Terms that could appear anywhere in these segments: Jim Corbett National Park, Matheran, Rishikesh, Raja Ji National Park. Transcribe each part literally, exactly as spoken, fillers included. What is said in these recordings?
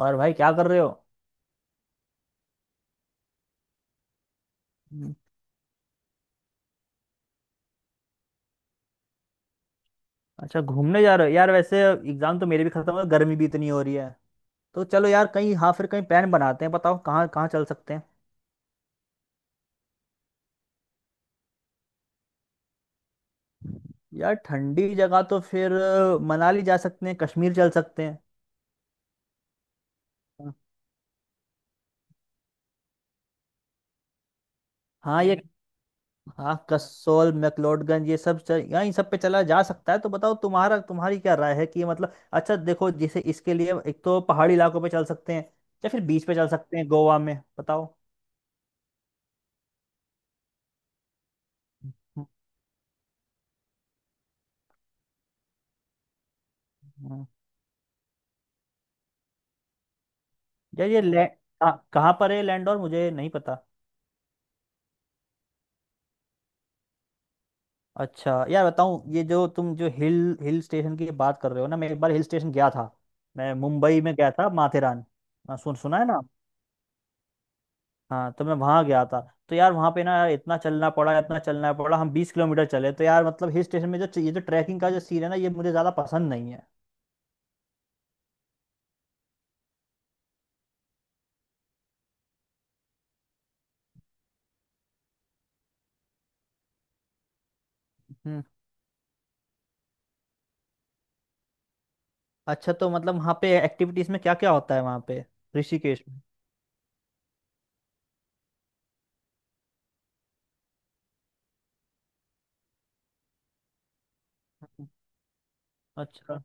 और भाई क्या कर रहे हो? हम्म। अच्छा, घूमने जा रहे हो यार वैसे। एग्जाम तो मेरे भी खत्म हो गए, गर्मी भी इतनी हो रही है। तो चलो यार कहीं, हाँ, फिर कहीं प्लान बनाते हैं, बताओ कहाँ कहाँ चल सकते हैं। यार ठंडी जगह तो फिर अ, मनाली जा सकते हैं, कश्मीर चल सकते हैं। हाँ। हाँ, ये। हाँ, कसोल मैक्लोडगंज ये सब चल, यहाँ इन सब पे चला जा सकता है। तो बताओ तुम्हारा तुम्हारी क्या राय है कि मतलब अच्छा देखो, जैसे इसके लिए एक तो पहाड़ी इलाकों पे चल सकते हैं, या फिर बीच पे चल सकते हैं गोवा में। बताओ। यार ये ले, कहाँ कहाँ पर है लैंडोर, मुझे नहीं पता। अच्छा यार बताऊँ, ये जो तुम जो हिल हिल स्टेशन की बात कर रहे हो ना, मैं एक बार हिल स्टेशन गया था। मैं मुंबई में गया था, माथेरान। हाँ, सुन सुना है ना। हाँ, तो मैं वहाँ गया था। तो यार वहाँ पे ना, यार इतना चलना पड़ा, इतना चलना पड़ा, हम बीस किलोमीटर चले, तो यार मतलब हिल स्टेशन में जो ये जो ट्रैकिंग का जो सीन है ना, ये मुझे ज़्यादा पसंद नहीं है। हम्म। अच्छा तो मतलब वहाँ पे एक्टिविटीज़ में क्या क्या होता है वहाँ पे, ऋषिकेश में? अच्छा।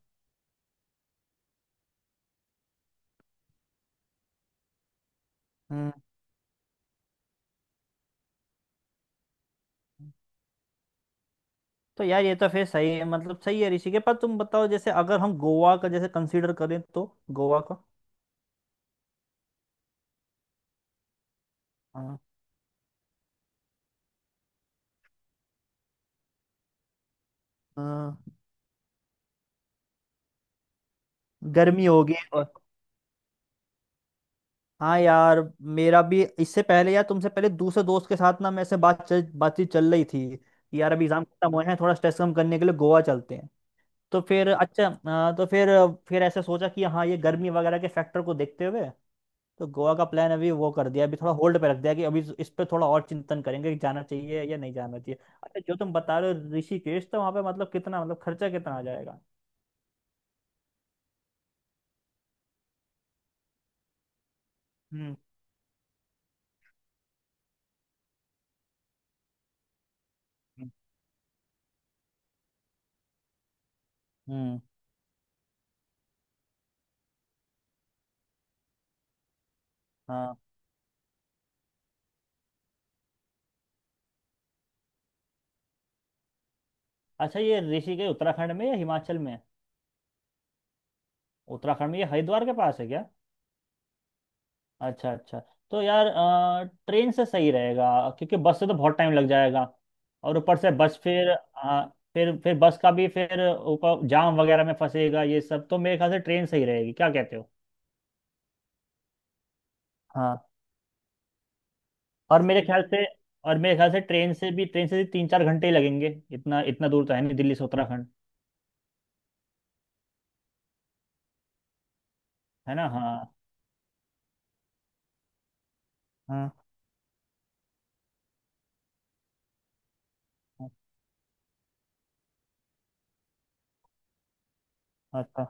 हम्म। तो यार ये तो फिर सही है, मतलब सही है ऋषिकेश, पर तुम बताओ, जैसे अगर हम गोवा का जैसे कंसीडर करें तो, गोवा का। हाँ। हाँ, गर्मी होगी और। हाँ यार मेरा भी, इससे पहले यार तुमसे पहले दूसरे दोस्त के साथ ना, मैं ऐसे बात चल बातचीत चल रही थी कि यार अभी एग्जाम खत्म हुए हैं, थोड़ा स्ट्रेस कम करने के लिए गोवा चलते हैं। तो फिर अच्छा, हाँ, तो फिर फिर ऐसे सोचा कि हाँ, ये गर्मी वगैरह के फैक्टर को देखते हुए तो गोवा का प्लान अभी वो कर दिया, अभी थोड़ा होल्ड पे रख दिया कि अभी इस पे थोड़ा और चिंतन करेंगे कि जाना चाहिए या नहीं जाना चाहिए। अच्छा, जो तुम बता रहे हो ऋषिकेश, तो वहाँ पे मतलब कितना, मतलब खर्चा कितना आ जाएगा? हम्म। हम्म। हम्म। हाँ। अच्छा, ये ऋषिकेश उत्तराखंड में या हिमाचल में है? उत्तराखंड में ये हरिद्वार के पास है क्या? अच्छा अच्छा। तो यार ट्रेन से सही रहेगा, क्योंकि बस से तो बहुत टाइम लग जाएगा, और ऊपर से बस फिर आ, फिर फिर बस का भी फिर ऊपर जाम वगैरह में फंसेगा, ये सब, तो मेरे ख्याल से ट्रेन सही रहेगी। क्या कहते हो? और मेरे ख्याल से और मेरे ख्याल से ट्रेन से भी ट्रेन से भी तीन चार घंटे ही लगेंगे, इतना इतना दूर तो है नहीं दिल्ली से उत्तराखंड। है ना, हाँ हाँ हाँ। अच्छा।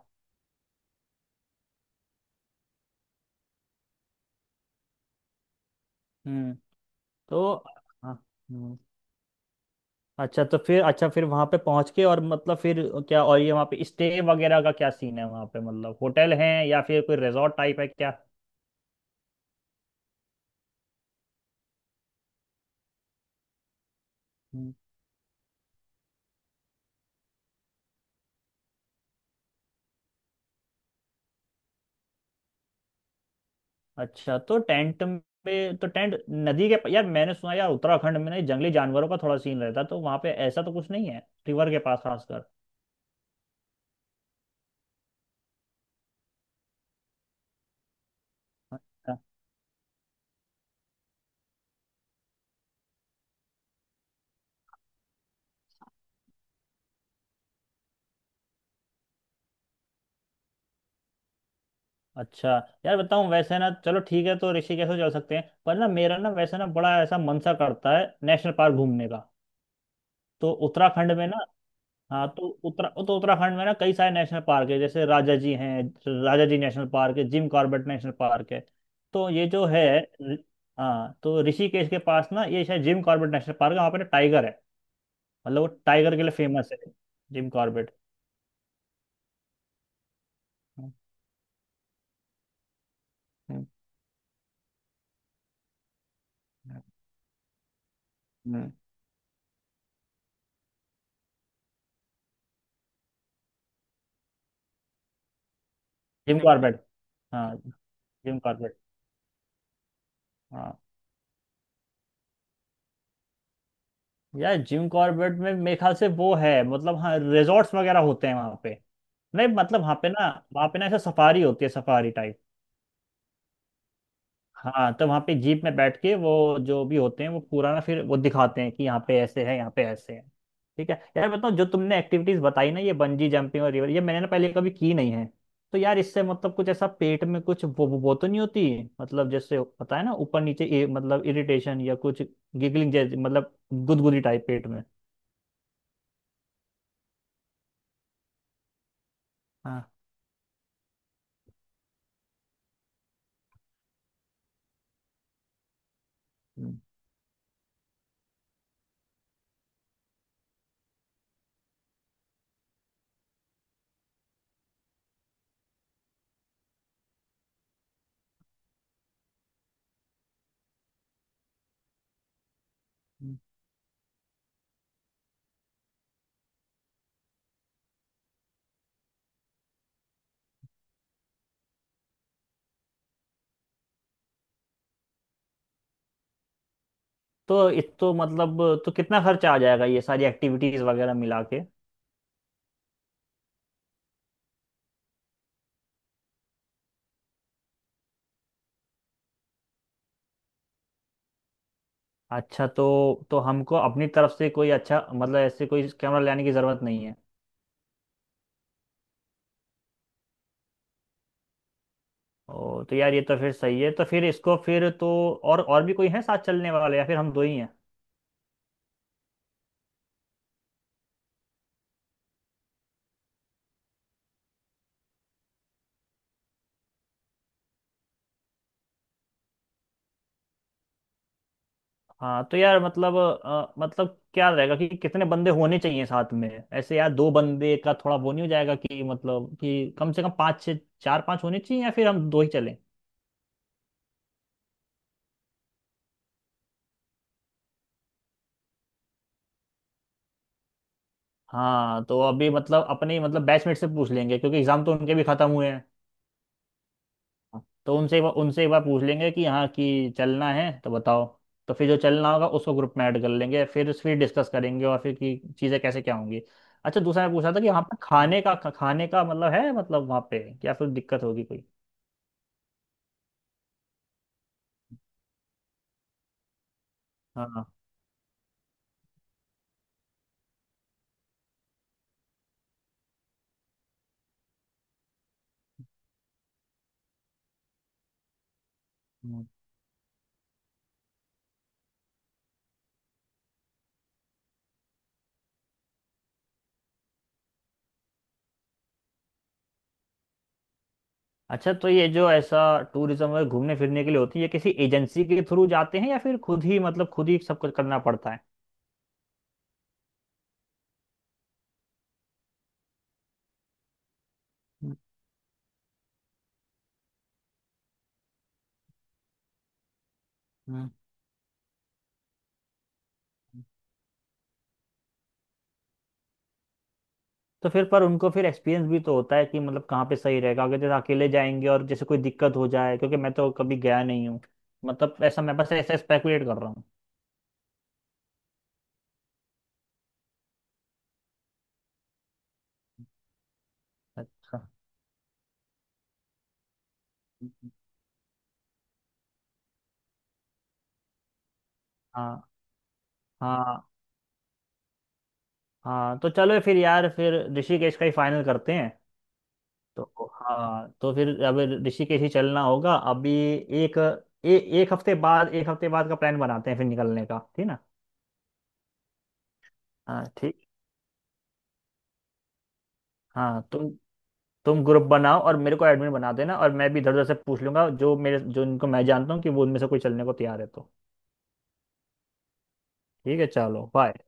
हम्म। तो। हाँ। हम्म। अच्छा तो फिर, अच्छा फिर वहाँ पे पहुँच के और मतलब फिर क्या, और ये वहाँ पे स्टे वगैरह का क्या सीन है वहाँ पे, मतलब होटल है या फिर कोई रिजॉर्ट टाइप है क्या? हम्म। अच्छा, तो टेंट पे, तो टेंट नदी के प- यार मैंने सुना यार, उत्तराखंड में ना ये जंगली जानवरों का थोड़ा सीन रहता, तो वहाँ पे ऐसा तो कुछ नहीं है रिवर के पास, खासकर? अच्छा यार बताऊँ वैसे ना, चलो ठीक है, तो ऋषिकेश तो चल सकते हैं, पर ना मेरा ना वैसे ना बड़ा ऐसा मन सा करता है नेशनल पार्क घूमने का, तो उत्तराखंड में ना। हाँ तो उत्तरा तो उत्तराखंड में ना कई सारे नेशनल पार्क है, जैसे राजा जी हैं, राजा जी नेशनल पार्क है, जिम कॉर्बेट नेशनल पार्क है। तो ये जो है, रि- हाँ, तो ऋषिकेश के पास ना ये शायद जिम कॉर्बेट नेशनल पार्क है, वहाँ पे ना टाइगर है, मतलब वो टाइगर के लिए फेमस है। Jim Corbett. हम्म। हम्म। हम्म। Jim Corbett. हाँ। Jim Corbett. हाँ। यार जिम कॉर्बेट में मेरे ख्याल से वो है, मतलब हाँ, रिजॉर्ट्स वगैरह होते हैं वहाँ पे, नहीं मतलब वहाँ पे ना, वहाँ पे ना ऐसा सफारी होती है, सफारी टाइप। हाँ, तो वहाँ पे जीप में बैठ के वो जो भी होते हैं वो पूरा ना, फिर वो दिखाते हैं कि यहाँ पे ऐसे है, यहाँ पे ऐसे है। ठीक है यार, बताओ जो तुमने एक्टिविटीज बताई ना, ये बंजी जंपिंग और रिवर, ये मैंने ना पहले कभी की नहीं है। तो यार इससे मतलब कुछ ऐसा पेट में कुछ वो वो, वो तो नहीं होती, मतलब जैसे पता है ना ऊपर नीचे, ए, मतलब इरिटेशन या कुछ गिगलिंग जैसे, मतलब गुदगुदी टाइप पेट में? हाँ तो ये तो मतलब, तो कितना खर्चा आ जाएगा ये सारी एक्टिविटीज वगैरह मिला के? अच्छा, तो तो हमको अपनी तरफ से कोई, अच्छा मतलब ऐसे कोई कैमरा लाने की जरूरत नहीं है? ओ, तो यार ये तो फिर सही है, तो फिर इसको फिर तो, और और भी कोई है साथ चलने वाले, या फिर हम दो ही हैं? हाँ, तो यार मतलब अ, मतलब क्या रहेगा कि कितने बंदे होने चाहिए साथ में, ऐसे यार दो बंदे का थोड़ा वो नहीं हो जाएगा कि, मतलब कि कम से कम पाँच छः, चार पाँच होने चाहिए, या फिर हम दो ही चलें? हाँ तो अभी मतलब अपने, मतलब बैचमेट से पूछ लेंगे क्योंकि एग्जाम तो उनके भी खत्म हुए हैं। तो उनसे एक बार उनसे एक बार पूछ लेंगे कि हाँ, कि चलना है तो बताओ। तो फिर जो चलना होगा उसको ग्रुप में ऐड कर लेंगे, फिर फिर डिस्कस करेंगे और फिर कि चीज़ें कैसे क्या होंगी। अच्छा, दूसरा मैं पूछ रहा था कि वहाँ पर खाने का खा- खाने का मतलब है, मतलब वहाँ पे क्या फिर दिक्कत होगी कोई? हाँ। हम्म। अच्छा, तो ये जो ऐसा टूरिज्म में घूमने फिरने के लिए होती है, ये किसी एजेंसी के थ्रू जाते हैं या फिर खुद ही, मतलब खुद ही सब कुछ करना पड़ता है? हम्म। हम्म। तो फिर, पर उनको फिर एक्सपीरियंस भी तो होता है कि मतलब कहाँ पे सही रहेगा, अगर जैसे अकेले जाएंगे और जैसे कोई दिक्कत हो जाए, क्योंकि मैं तो कभी गया नहीं हूँ, मतलब ऐसा, मैं बस ऐसा स्पेकुलेट कर रहा हूँ। अच्छा। हाँ हाँ हाँ, तो चलो फिर यार, फिर ऋषिकेश का ही फाइनल करते हैं। तो हाँ, तो फिर अब ऋषिकेश ही चलना होगा अभी। एक ए, एक हफ्ते बाद एक हफ्ते बाद का प्लान बनाते हैं फिर निकलने का, ठीक ना? हाँ ठीक। हाँ तो तुम ग्रुप बनाओ और मेरे को एडमिन बना देना, और मैं भी इधर उधर से पूछ लूंगा, जो मेरे जो इनको मैं जानता हूँ कि वो, उनमें से कोई चलने को तैयार है तो। ठीक है, चलो बाय।